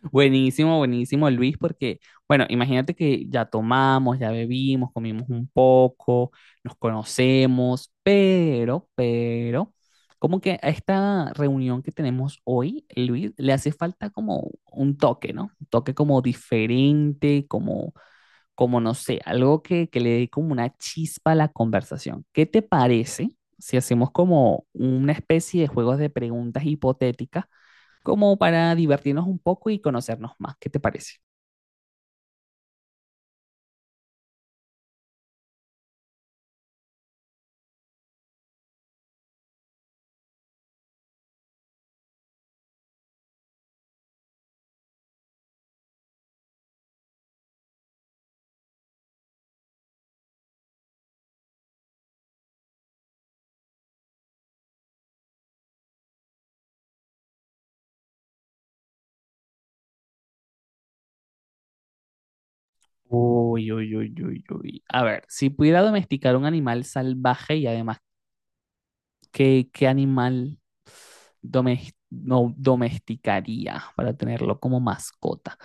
Buenísimo, buenísimo, Luis, porque, bueno, imagínate que ya tomamos, ya bebimos, comimos un poco, nos conocemos, pero, como que a esta reunión que tenemos hoy, Luis, le hace falta como un toque, ¿no? Un toque como diferente, como, como no sé, algo que le dé como una chispa a la conversación. ¿Qué te parece si hacemos como una especie de juegos de preguntas hipotéticas? Como para divertirnos un poco y conocernos más. ¿Qué te parece? Uy, uy, uy, uy, uy. A ver, si pudiera domesticar un animal salvaje y además, ¿qué animal no, ¿domesticaría para tenerlo como mascota?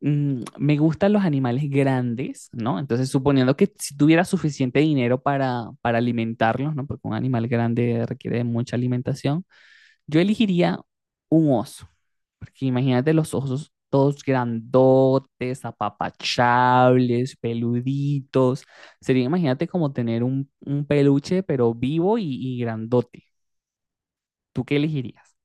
Mm, me gustan los animales grandes, ¿no? Entonces, suponiendo que si tuviera suficiente dinero para alimentarlos, ¿no? Porque un animal grande requiere de mucha alimentación. Yo elegiría un oso, porque imagínate los osos todos grandotes, apapachables, peluditos. Sería, imagínate como tener un peluche, pero vivo y grandote. ¿Tú qué elegirías?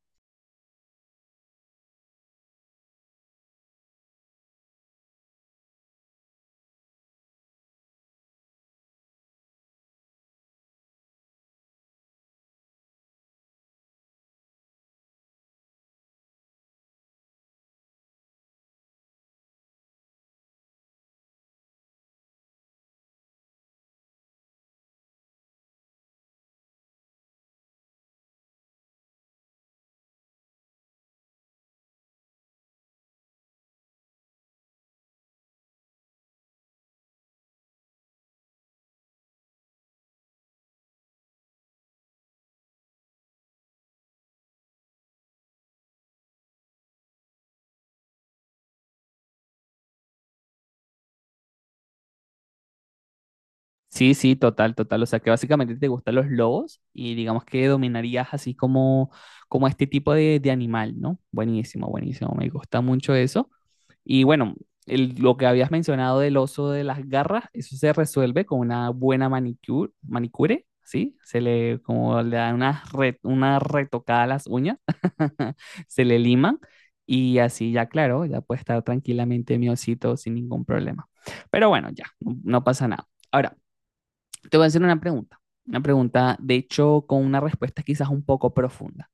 Sí, sí, total, total. O sea, que básicamente te gustan los lobos y digamos que dominarías así como, como este tipo de animal, ¿no? Buenísimo, buenísimo. Me gusta mucho eso. Y bueno, lo que habías mencionado del oso de las garras, eso se resuelve con una buena manicure, ¿sí? Se le, como le da una, una retocada a las uñas, se le liman y así ya, claro, ya puede estar tranquilamente mi osito sin ningún problema. Pero bueno, ya, no pasa nada. Ahora. Te voy a hacer una pregunta, de hecho, con una respuesta quizás un poco profunda.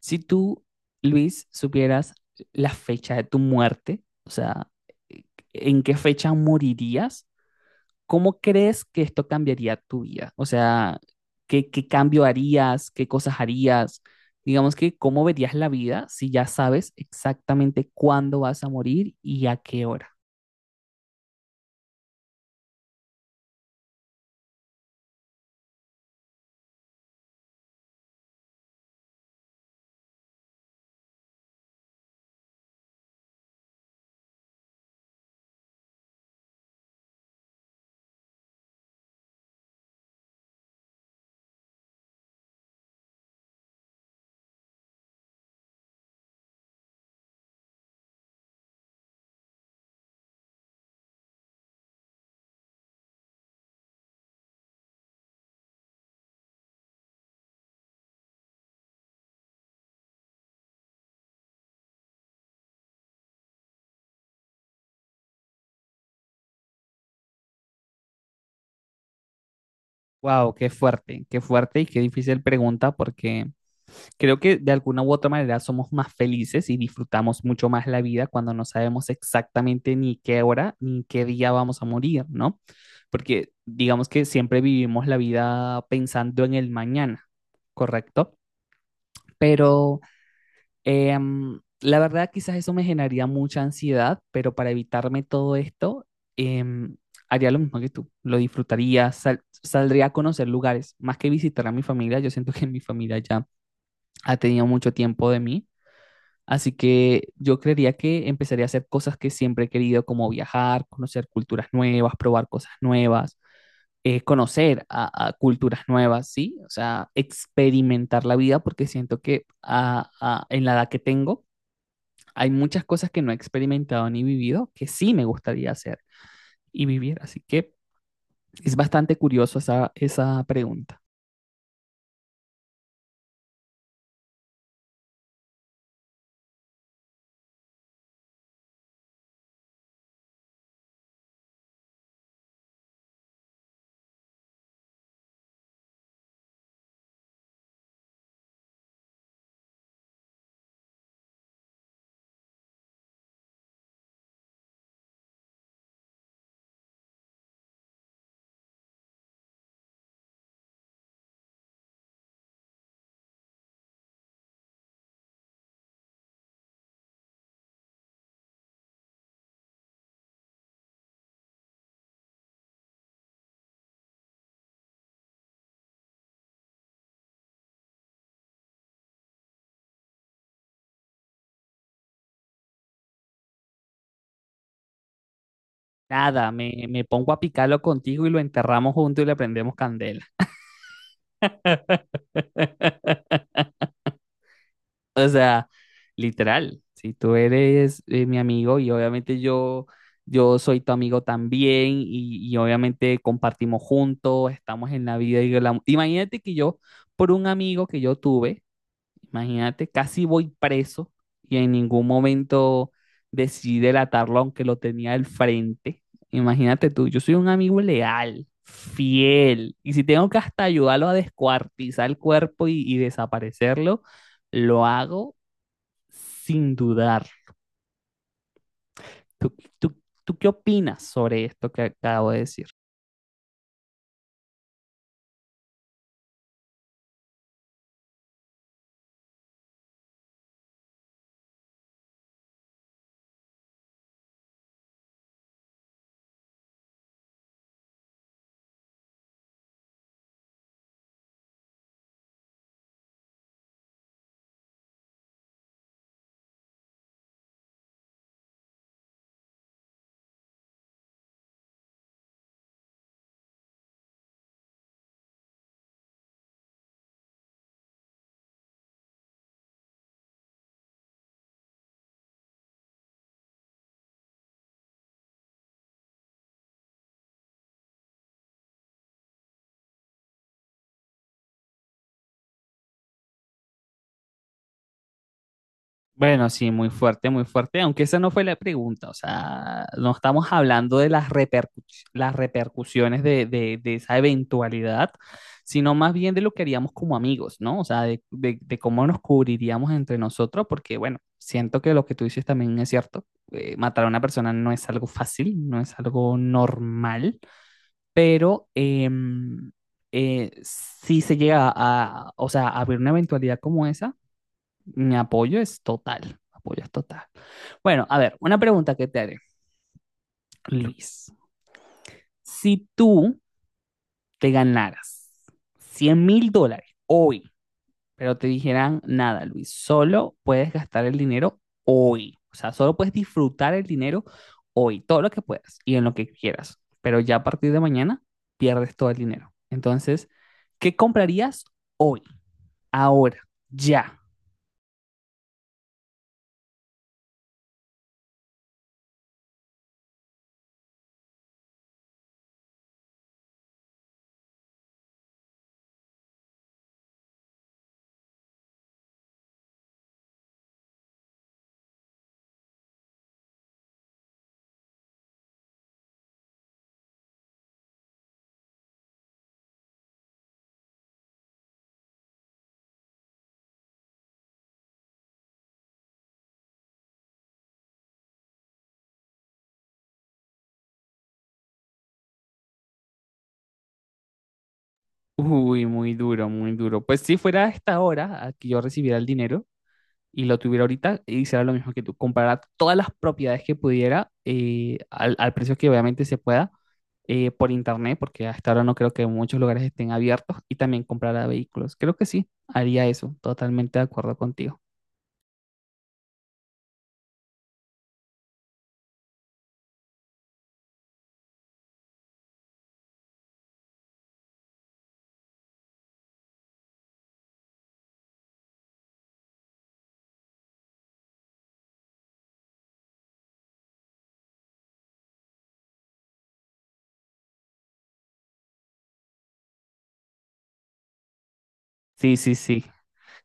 Si tú, Luis, supieras la fecha de tu muerte, o sea, en qué fecha morirías, ¿cómo crees que esto cambiaría tu vida? O sea, ¿qué cambio harías? ¿Qué cosas harías? Digamos que, ¿cómo verías la vida si ya sabes exactamente cuándo vas a morir y a qué hora? Wow, qué fuerte y qué difícil pregunta porque creo que de alguna u otra manera somos más felices y disfrutamos mucho más la vida cuando no sabemos exactamente ni qué hora ni qué día vamos a morir, ¿no? Porque digamos que siempre vivimos la vida pensando en el mañana, ¿correcto? Pero la verdad quizás eso me generaría mucha ansiedad, pero para evitarme todo esto, em, haría lo mismo que tú, lo disfrutaría, saldría a conocer lugares, más que visitar a mi familia, yo siento que mi familia ya ha tenido mucho tiempo de mí. Así que yo creería que empezaría a hacer cosas que siempre he querido, como viajar, conocer culturas nuevas, probar cosas nuevas, conocer a culturas nuevas, ¿sí? O sea, experimentar la vida, porque siento que en la edad que tengo hay muchas cosas que no he experimentado ni vivido que sí me gustaría hacer y vivir. Así que es bastante curioso esa, esa pregunta. Nada, me pongo a picarlo contigo y lo enterramos juntos y le prendemos candela. O sea, literal, si tú eres mi amigo y obviamente yo, yo soy tu amigo también y obviamente compartimos juntos, estamos en la vida y el amor. Imagínate que yo, por un amigo que yo tuve, imagínate, casi voy preso y en ningún momento decidí delatarlo aunque lo tenía al frente. Imagínate tú, yo soy un amigo leal, fiel, y si tengo que hasta ayudarlo a descuartizar el cuerpo y desaparecerlo, lo hago sin dudar. ¿Tú, tú, tú qué opinas sobre esto que acabo de decir? Bueno, sí, muy fuerte, aunque esa no fue la pregunta, o sea, no estamos hablando de las, las repercusiones de, de esa eventualidad, sino más bien de lo que haríamos como amigos, ¿no? O sea, de, de cómo nos cubriríamos entre nosotros, porque bueno, siento que lo que tú dices también es cierto, matar a una persona no es algo fácil, no es algo normal, pero si se llega a, o sea, a abrir una eventualidad como esa, mi apoyo es total, apoyo es total. Bueno, a ver, una pregunta que te haré, Luis. Si tú te ganaras $100.000 hoy, pero te dijeran, nada, Luis, solo puedes gastar el dinero hoy. O sea, solo puedes disfrutar el dinero hoy, todo lo que puedas y en lo que quieras. Pero ya a partir de mañana pierdes todo el dinero. Entonces, ¿qué comprarías hoy, ahora, ya? Uy, muy duro, muy duro. Pues si fuera a esta hora a que yo recibiera el dinero y lo tuviera ahorita, hiciera lo mismo que tú, comprara todas las propiedades que pudiera al precio que obviamente se pueda por internet, porque hasta ahora no creo que muchos lugares estén abiertos, y también comprara vehículos. Creo que sí, haría eso, totalmente de acuerdo contigo. Sí, sí, sí,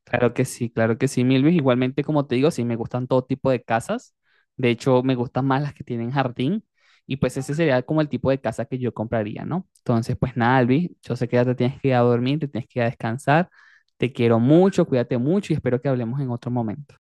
claro que sí, claro que sí, Milvis. Igualmente, como te digo, sí, me gustan todo tipo de casas. De hecho, me gustan más las que tienen jardín. Y pues ese sería como el tipo de casa que yo compraría, ¿no? Entonces, pues nada, Alvis, yo sé que ya te tienes que ir a dormir, te tienes que ir a descansar. Te quiero mucho, cuídate mucho y espero que hablemos en otro momento.